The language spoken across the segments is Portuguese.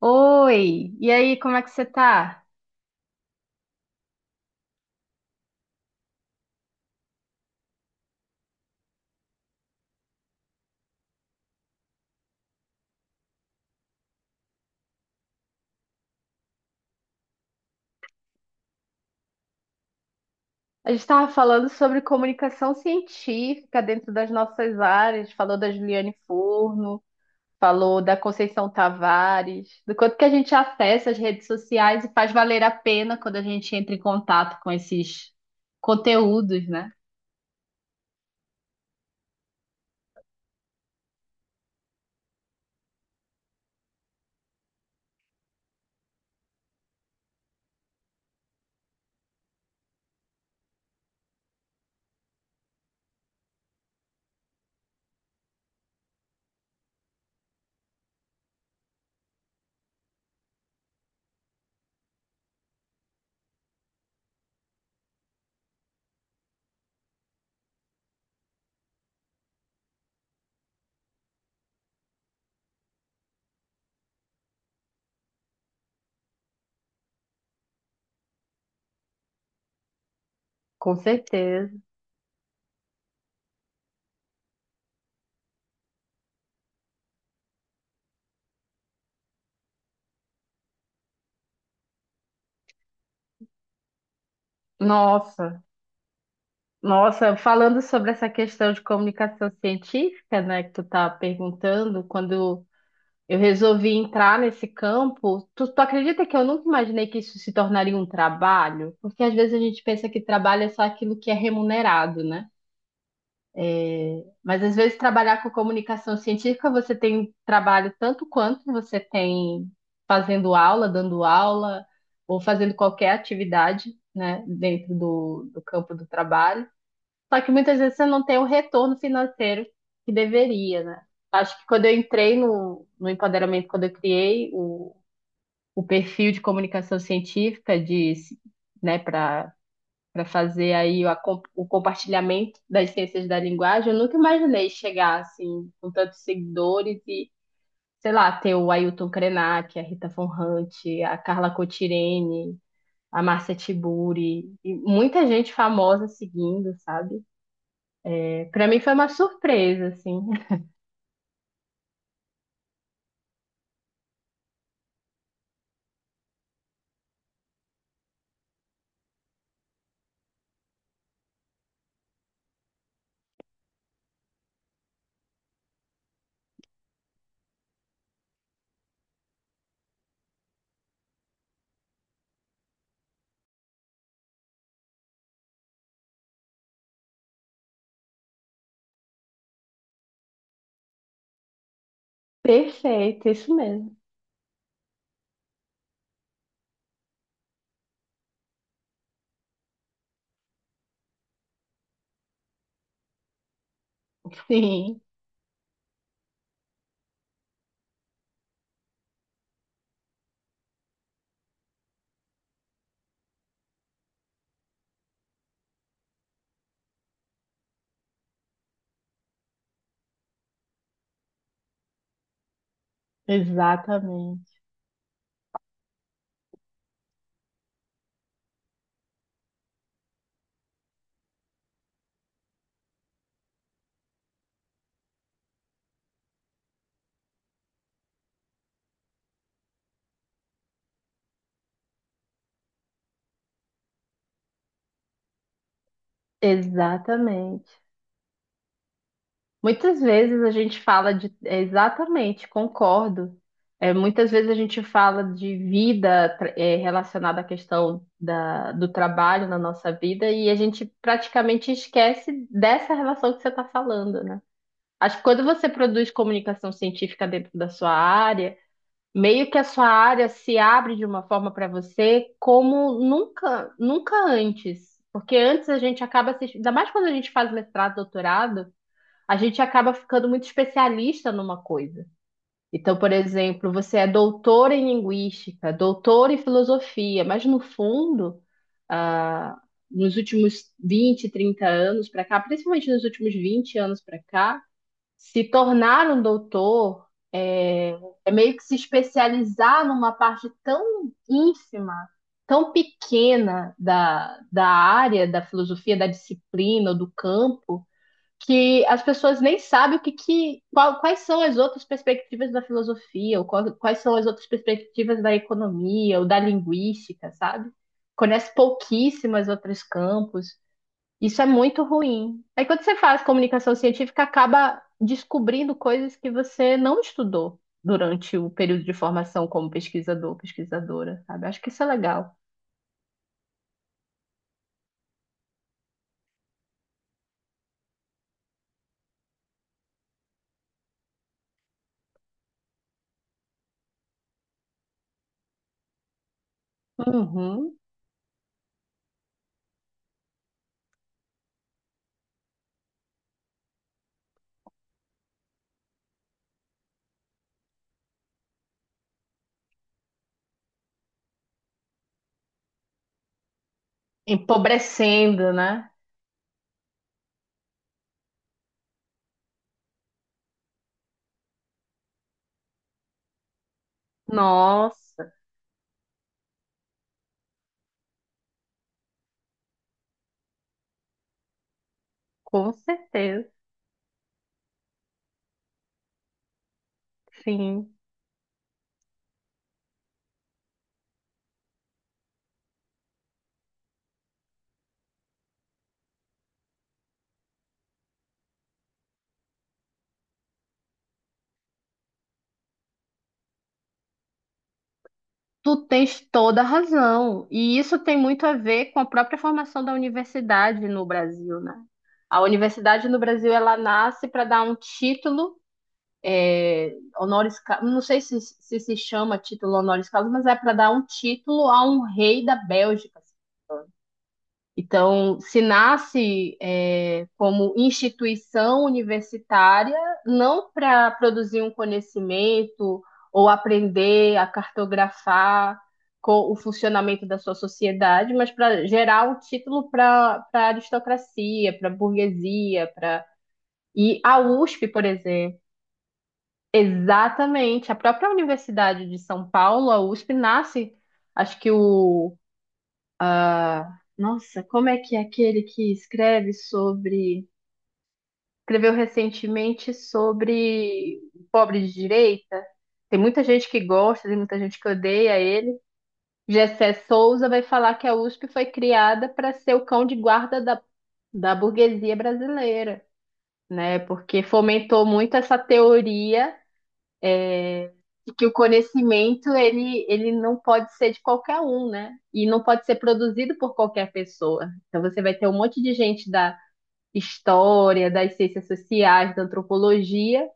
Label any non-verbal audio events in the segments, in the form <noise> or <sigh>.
Oi, e aí, como é que você tá? A gente estava falando sobre comunicação científica dentro das nossas áreas, falou da Juliane Furno, falou da Conceição Tavares, do quanto que a gente acessa as redes sociais e faz valer a pena quando a gente entra em contato com esses conteúdos, né? Com certeza. Nossa, nossa, falando sobre essa questão de comunicação científica, né, que tu tá perguntando, quando eu resolvi entrar nesse campo. Tu acredita que eu nunca imaginei que isso se tornaria um trabalho? Porque às vezes a gente pensa que trabalho é só aquilo que é remunerado, né? Mas às vezes trabalhar com comunicação científica, você tem trabalho tanto quanto você tem fazendo aula, dando aula, ou fazendo qualquer atividade, né, dentro do campo do trabalho. Só que muitas vezes você não tem o retorno financeiro que deveria, né? Acho que quando eu entrei no empoderamento, quando eu criei o perfil de comunicação científica de, né, para fazer aí o, o compartilhamento das ciências da linguagem, eu nunca imaginei chegar assim com tantos seguidores e, sei lá, ter o Ailton Krenak, a Rita Von Hunt, a Carla Cotirene, a Márcia Tiburi, e muita gente famosa seguindo, sabe? Para mim foi uma surpresa, assim. <laughs> Perfeito, isso mesmo. Sim, exatamente. Exatamente. Muitas vezes a gente fala de. Exatamente, concordo. É, muitas vezes a gente fala de vida relacionada à questão da, do trabalho na nossa vida e a gente praticamente esquece dessa relação que você está falando, né? Acho que quando você produz comunicação científica dentro da sua área, meio que a sua área se abre de uma forma para você como nunca, nunca antes. Porque antes a gente acaba se, ainda mais quando a gente faz mestrado, doutorado, a gente acaba ficando muito especialista numa coisa. Então, por exemplo, você é doutor em linguística, doutor em filosofia, mas no fundo, ah, nos últimos 20, 30 anos para cá, principalmente nos últimos 20 anos para cá, se tornar um doutor é, é meio que se especializar numa parte tão ínfima, tão pequena da área, da filosofia, da disciplina ou do campo, que as pessoas nem sabem o que, que qual- quais são as outras perspectivas da filosofia, ou quais são as outras perspectivas da economia ou da linguística, sabe? Conhece pouquíssimas outros campos. Isso é muito ruim. Aí quando você faz comunicação científica, acaba descobrindo coisas que você não estudou durante o período de formação como pesquisador, pesquisadora, sabe? Acho que isso é legal. Uhum. Empobrecendo, né? Nossa, com certeza. Sim. Tu tens toda a razão. E isso tem muito a ver com a própria formação da universidade no Brasil, né? A universidade no Brasil, ela nasce para dar um título é, honoris causa, não sei se se chama título honoris causa, mas é para dar um título a um rei da Bélgica, assim. Então, se nasce, como instituição universitária, não para produzir um conhecimento ou aprender a cartografar o funcionamento da sua sociedade, mas para gerar um título para a aristocracia, para a burguesia, para e a USP, por exemplo. Exatamente, a própria Universidade de São Paulo, a USP, nasce, acho que o, nossa, como é que é aquele que escreve sobre, escreveu recentemente sobre o pobre de direita? Tem muita gente que gosta, tem muita gente que odeia ele. Gessé Souza vai falar que a USP foi criada para ser o cão de guarda da, da burguesia brasileira, né? Porque fomentou muito essa teoria de que o conhecimento ele não pode ser de qualquer um, né? E não pode ser produzido por qualquer pessoa. Então você vai ter um monte de gente da história, das ciências sociais, da antropologia,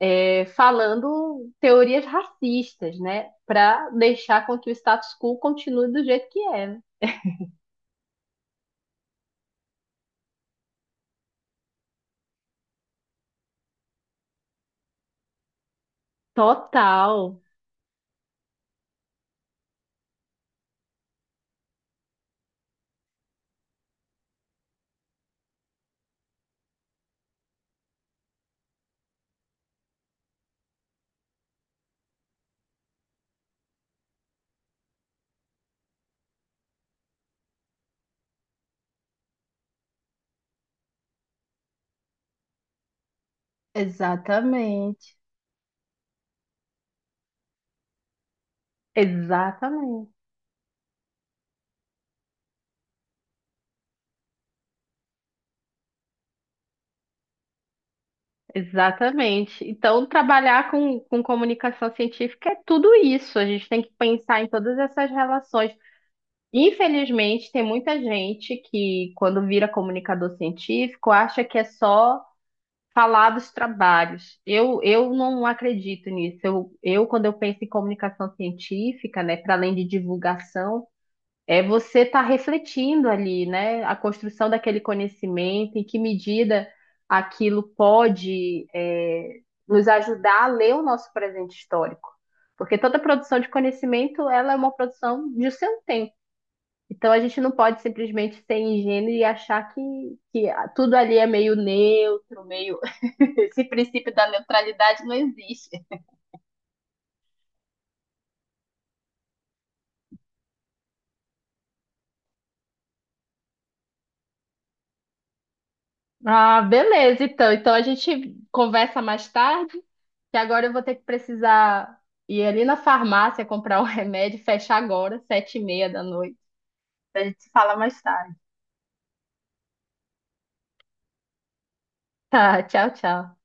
falando teorias racistas, né? Para deixar com que o status quo continue do jeito que é, né? Total. Exatamente. Exatamente, exatamente. Então, trabalhar com comunicação científica é tudo isso. A gente tem que pensar em todas essas relações. Infelizmente, tem muita gente que, quando vira comunicador científico, acha que é só falar dos trabalhos. Eu não acredito nisso. Quando eu penso em comunicação científica, né, para além de divulgação, é você estar refletindo ali, né, a construção daquele conhecimento, em que medida aquilo pode, nos ajudar a ler o nosso presente histórico. Porque toda produção de conhecimento, ela é uma produção de seu tempo. Então a gente não pode simplesmente ser ingênuo e achar que tudo ali é meio neutro, meio. <laughs> Esse princípio da neutralidade não existe. Ah, beleza, então. Então a gente conversa mais tarde, que agora eu vou ter que precisar ir ali na farmácia comprar um remédio, fecha agora, 19:30 da noite. A gente se fala mais tarde. Tá, tchau, tchau.